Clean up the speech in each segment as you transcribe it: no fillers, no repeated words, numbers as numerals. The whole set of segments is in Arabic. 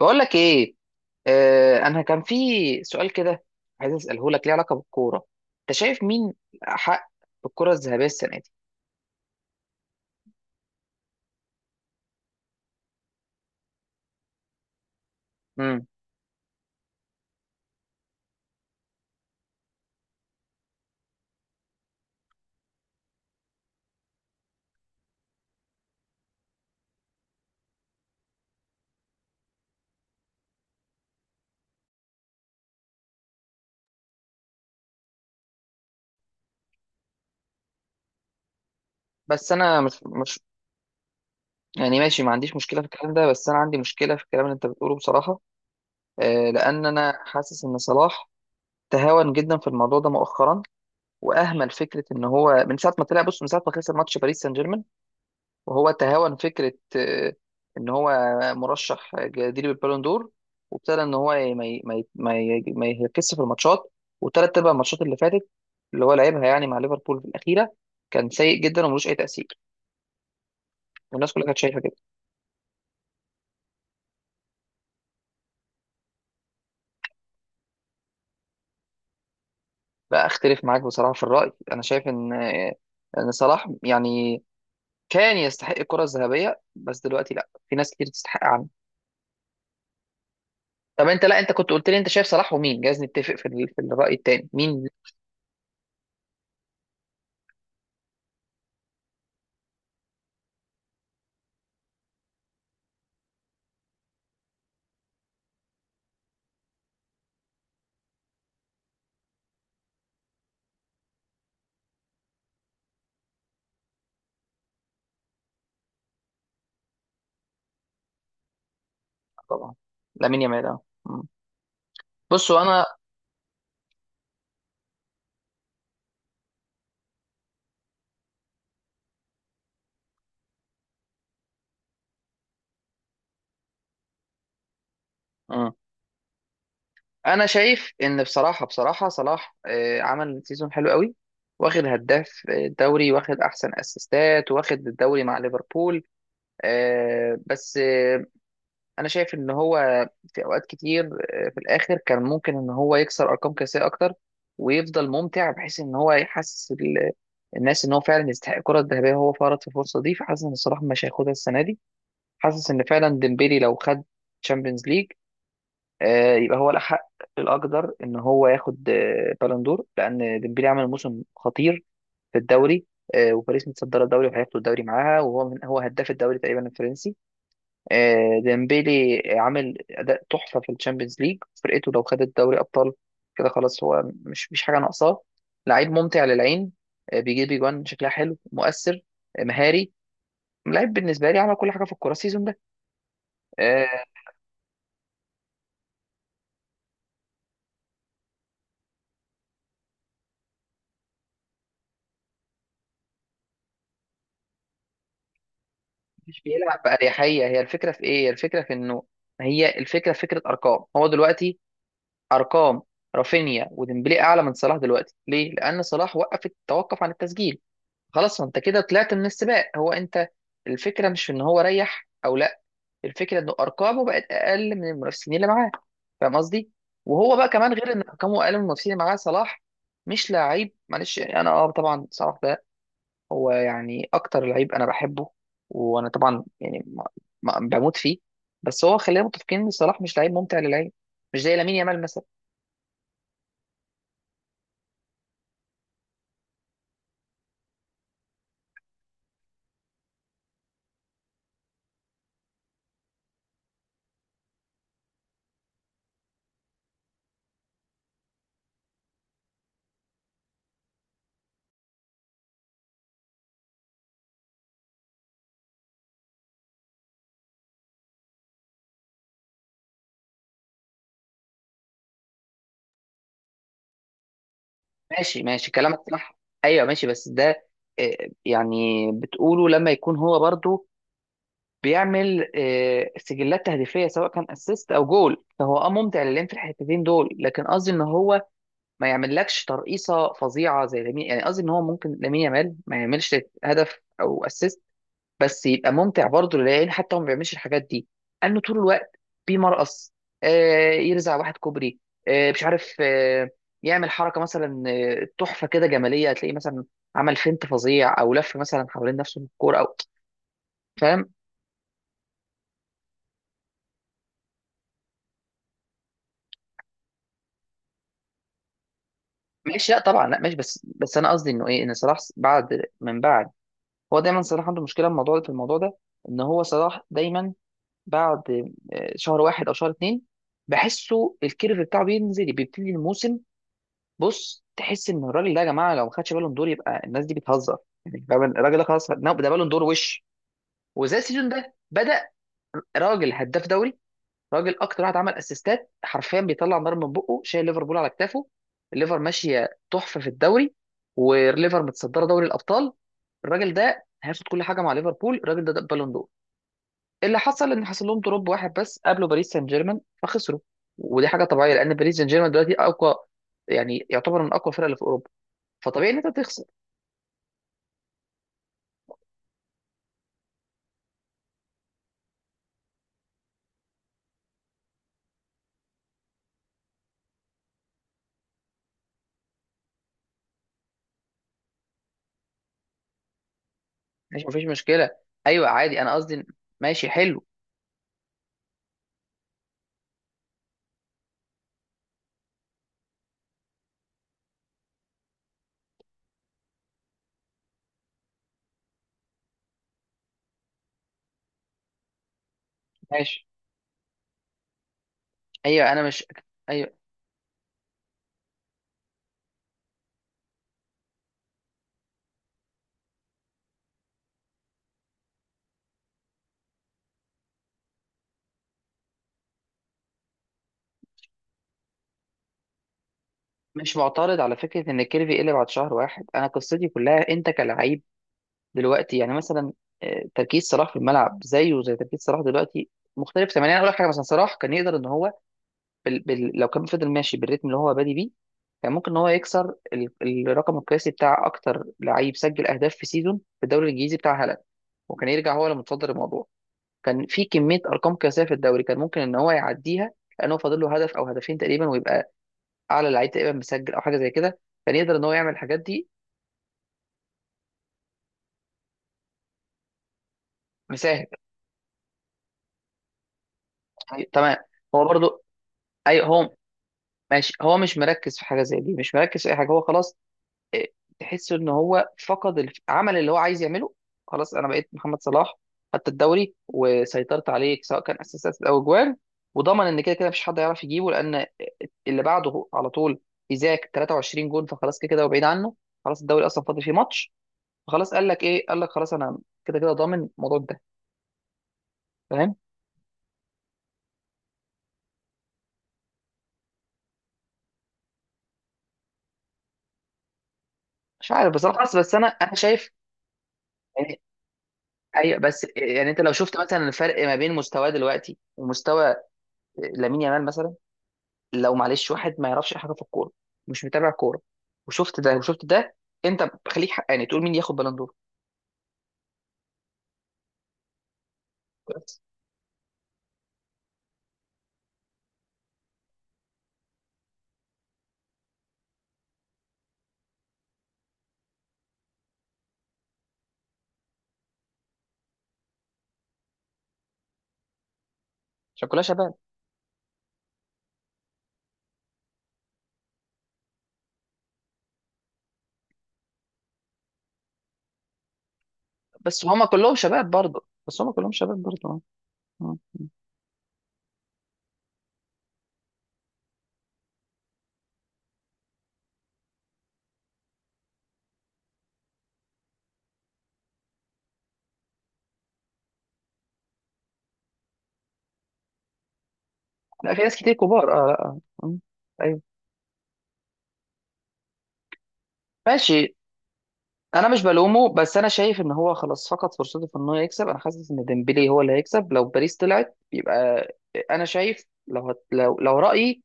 بقول لك ايه. انا كان في سؤال كده، عايز اساله، لك ليه علاقه بالكوره. انت شايف مين حق بالكره الذهبيه السنه دي؟ امم بس انا مش يعني ماشي، ما عنديش مشكله في الكلام ده، بس انا عندي مشكله في الكلام اللي انت بتقوله بصراحه. لان انا حاسس ان صلاح تهاون جدا في الموضوع ده مؤخرا، واهمل فكره ان هو من ساعه ما طلع، بص، من ساعه ما خسر ماتش باريس سان جيرمان، وهو تهاون فكرة إن هو مرشح جديد بالبالون دور، وابتدى إن هو ي- ما ي- ما ي- ما ي- ما يركزش في الماتشات، وتلات أرباع الماتشات اللي فاتت اللي هو لعبها يعني مع ليفربول في الأخيرة كان سيء جدا وملوش أي تأثير. والناس كلها كانت شايفة كده. لا، أختلف معاك بصراحة في الرأي. أنا شايف إن صلاح يعني كان يستحق الكرة الذهبية، بس دلوقتي لا، في ناس كتير تستحق عنه. طب انت، لا، انت كنت قلت لي انت شايف صلاح ومين، جايز نتفق في في الرأي التاني مين. طبعا لامين يامال، اه. بصوا انا، اه انا شايف ان بصراحه بصراحه صلاح عمل سيزون حلو قوي، واخد هداف الدوري، واخد احسن اسيستات، واخد الدوري مع ليفربول، بس انا شايف ان هو في اوقات كتير في الاخر كان ممكن ان هو يكسر ارقام قياسيه اكتر، ويفضل ممتع بحيث ان هو يحسس الناس ان هو فعلا يستحق الكره الذهبيه، وهو فرط في الفرصه دي. فحاسس ان صلاح مش هياخدها السنه دي. حاسس ان فعلا ديمبيلي لو خد تشامبيونز ليج، يبقى هو له حق، الاقدر ان هو ياخد بالون دور، لان ديمبلي عمل موسم خطير في الدوري، وباريس متصدره الدوري وهياخدوا الدوري معاها، وهو من هو هداف الدوري تقريبا الفرنسي. ديمبلي عامل اداء تحفه في الشامبيونز ليج، فرقته لو خدت دوري ابطال، كده خلاص هو مش حاجه ناقصاه. لعيب ممتع للعين، بيجيب اجوان شكلها حلو مؤثر، مهاري، لعيب بالنسبه لي عمل كل حاجه في الكوره السيزون ده آه، مش بيلعب بأريحية، هي الفكرة في إيه؟ الفكرة في إنه، هي الفكرة في فكرة أرقام. هو دلوقتي، أرقام رافينيا وديمبلي أعلى من صلاح دلوقتي. ليه؟ لأن صلاح وقف، توقف عن التسجيل. خلاص ما أنت كده طلعت من السباق هو أنت. الفكرة مش في إن هو ريح أو لأ، الفكرة إنه أرقامه بقت أقل من المنافسين اللي معاه. فاهم قصدي؟ وهو بقى كمان، غير إن أرقامه أقل من المنافسين اللي معاه صلاح مش لعيب، معلش، يعني أنا طبعا صلاح هو يعني اكتر لعيب انا بحبه، وانا طبعا يعني بموت فيه. بس هو، خلينا متفقين ان صلاح مش لعيب ممتع للعين، مش زي لامين يامال مثلا. ماشي، ماشي، كلامك صح. ايوه ماشي، بس ده يعني بتقوله لما يكون هو برضو بيعمل سجلات تهديفيه سواء كان اسيست او جول، فهو ممتع للعين في الحتتين دول، لكن قصدي ان هو ما يعملكش ترقيصه فظيعه زي لامين. يعني قصدي ان هو ممكن لامين يامال ما يعملش هدف او اسيست، بس يبقى ممتع برضه للعيال حتى هو ما بيعملش الحاجات دي، انه طول الوقت بيمرقص، يرزع واحد كوبري، مش عارف، يعمل حركه مثلا، تحفه كده جماليه، هتلاقيه مثلا عمل فينت فظيع، او لف مثلا حوالين نفسه بالكوره او، فاهم؟ ماشي. لا طبعا، لا ماشي، بس بس انا قصدي انه ايه، ان صلاح بعد من بعد، هو دايما صلاح عنده مشكله في الموضوع ده، في الموضوع ده، ان هو صلاح دايما بعد شهر واحد او شهر اتنين، بحسه الكيرف بتاعه بينزل بيبتدي الموسم. بص تحس ان الراجل ده يا جماعه لو ما خدش بالون دور يبقى الناس دي بتهزر. يعني فاهم؟ الراجل ده خلاص، لا، ده بالون دور وش. وزي السيزون ده بدا، راجل هداف دوري، راجل اكتر واحد عمل اسيستات، حرفيا بيطلع نار من بقه، شايل ليفربول على كتافه، الليفر ماشيه تحفه في الدوري، والليفر متصدره دوري الابطال. الراجل ده هياخد كل حاجه مع ليفربول. الراجل ده، ده بالون دور. اللي حصل ان حصل لهم دروب واحد بس قابله باريس سان جيرمان فخسروا، ودي حاجه طبيعيه لان باريس سان جيرمان دلوقتي اقوى، يعني يعتبر من اقوى الفرق اللي في اوروبا، فطبيعي ان انت تخسر. ماشي، مفيش مشكله. ايوه عادي، انا قصدي. ماشي حلو. ماشي. ايوه انا مش ايوه مش معترض على فكره ان الكيرفي يقلب بعد شهر واحد. انا قصتي كلها انت كلاعب دلوقتي، يعني مثلا تركيز صلاح في الملعب زيه زي تركيز صلاح دلوقتي مختلف تماما. يعني اقول لك حاجه، مثلا صلاح كان يقدر ان هو لو كان فضل ماشي بالريتم اللي هو بادي بيه، كان ممكن ان هو يكسر الرقم القياسي بتاع اكتر لعيب سجل اهداف في سيزون في الدوري الانجليزي بتاع هالاند، وكان يرجع هو اللي متصدر الموضوع. كان في كميه ارقام قياسيه في الدوري كان ممكن ان هو يعديها، لانه فاضل له هدف او هدفين تقريبا، ويبقى اعلى لعيب تقريبا مسجل او حاجه زي كده. كان يقدر ان هو يعمل الحاجات دي، مساهل. يعني تمام، هو برضو، اي هو ماشي، هو مش مركز في حاجه زي دي، مش مركز في اي حاجه، هو خلاص، إيه، تحس ان هو فقد عمل اللي هو عايز يعمله. خلاص انا بقيت محمد صلاح، خدت الدوري وسيطرت عليك سواء كان اساسات او اجوال، وضمن ان كده كده مفيش حد يعرف يجيبه، لان اللي بعده على طول ايزاك 23 جون، فخلاص كده كده هو بعيد عنه. خلاص الدوري اصلا فاضل فيه ماتش، فخلاص قال لك ايه، قال لك خلاص انا كده كده ضامن الموضوع ده، فاهم؟ مش عارف بصراحه، بس بس انا شايف يعني. ايوه، بس يعني انت لو شفت مثلا الفرق ما بين مستواه دلوقتي ومستوى لامين يامال مثلا، لو معلش واحد ما يعرفش أي حاجه في الكوره، مش متابع كوره، وشفت ده وشفت ده، انت خليك حقاني تقول مين ياخد بالون دور. بس عشان كلها شباب، بس هما كلهم شباب برضه، بس هما كلهم شباب برضه. آه. آه. لا، في ناس كتير كبار، اه، لا، آه. ايوه ماشي. انا مش بلومه، بس انا شايف ان هو خلاص فقد فرصته في ان هو يكسب. انا حاسس ان ديمبلي هو اللي هيكسب لو باريس طلعت يبقى، انا شايف لو لو رايي،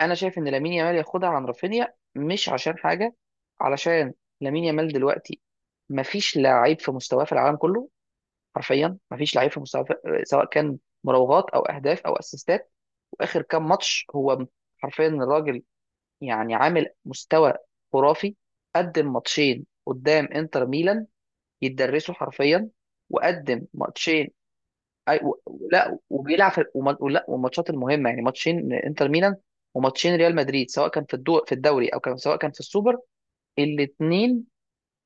انا شايف ان لامين يامال ياخدها عن رافينيا، مش عشان حاجه، علشان لامين يامال دلوقتي مفيش لعيب في مستواه في العالم كله، حرفيا مفيش لعيب في مستواه في، سواء كان مراوغات او اهداف او اسيستات. واخر كام ماتش هو، حرفيا الراجل يعني عامل مستوى خرافي، قدم ماتشين قدام انتر ميلان يتدرسوا حرفيا، وقدم ماتشين، أي... و... لا، لا، والماتشات المهمه يعني ماتشين انتر ميلان وماتشين ريال مدريد، سواء كان في الدوري، او كان سواء كان في السوبر، الاثنين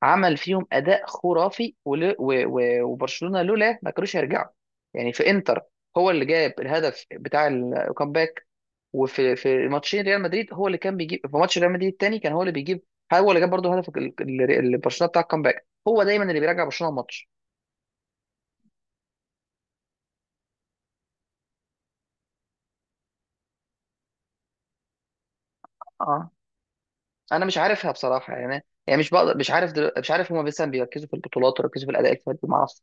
عمل فيهم اداء خرافي، وبرشلونه لولا ما كانوش هيرجعوا، يعني في انتر هو اللي جاب الهدف بتاع الكامباك، وفي ماتشين ريال مدريد هو اللي كان بيجيب، في ماتش ريال مدريد الثاني كان هو اللي بيجيب، هو اللي جاب برضه هدف برشلونه بتاع الكامباك، هو دايما اللي بيرجع برشلونه الماتش. اه، انا مش عارفها بصراحه، يعني مش بقدر، مش عارف مش عارف هما مثلا بيركزوا في البطولات ويركزوا في الاداء الفردي، ما اعرفش.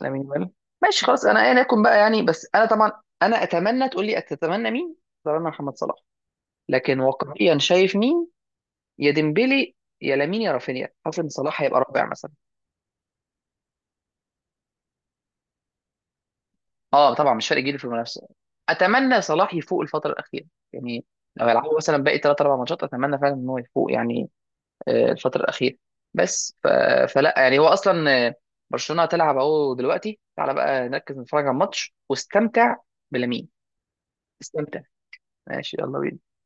لامين يامال. ماشي خلاص، انا ايا يكن بقى يعني، بس انا طبعا، انا اتمنى، تقول لي اتتمنى مين؟ اتمنى محمد صلاح، لكن واقعيا شايف مين؟ يا ديمبلي، يا لامين، يا رافينيا. حاسس ان صلاح هيبقى رابع مثلا. اه طبعا مش فارق جيل في المنافسه. اتمنى صلاح يفوق الفتره الاخيره، يعني لو يلعبوا مثلا باقي ثلاث اربع ماتشات اتمنى فعلا ان هو يفوق، يعني الفتره الاخيره. بس فلا يعني هو اصلا برشلونه هتلعب اهو دلوقتي، تعالى بقى نركز نتفرج على الماتش واستمتع بلامين. استمتع. ماشي، يلا بينا.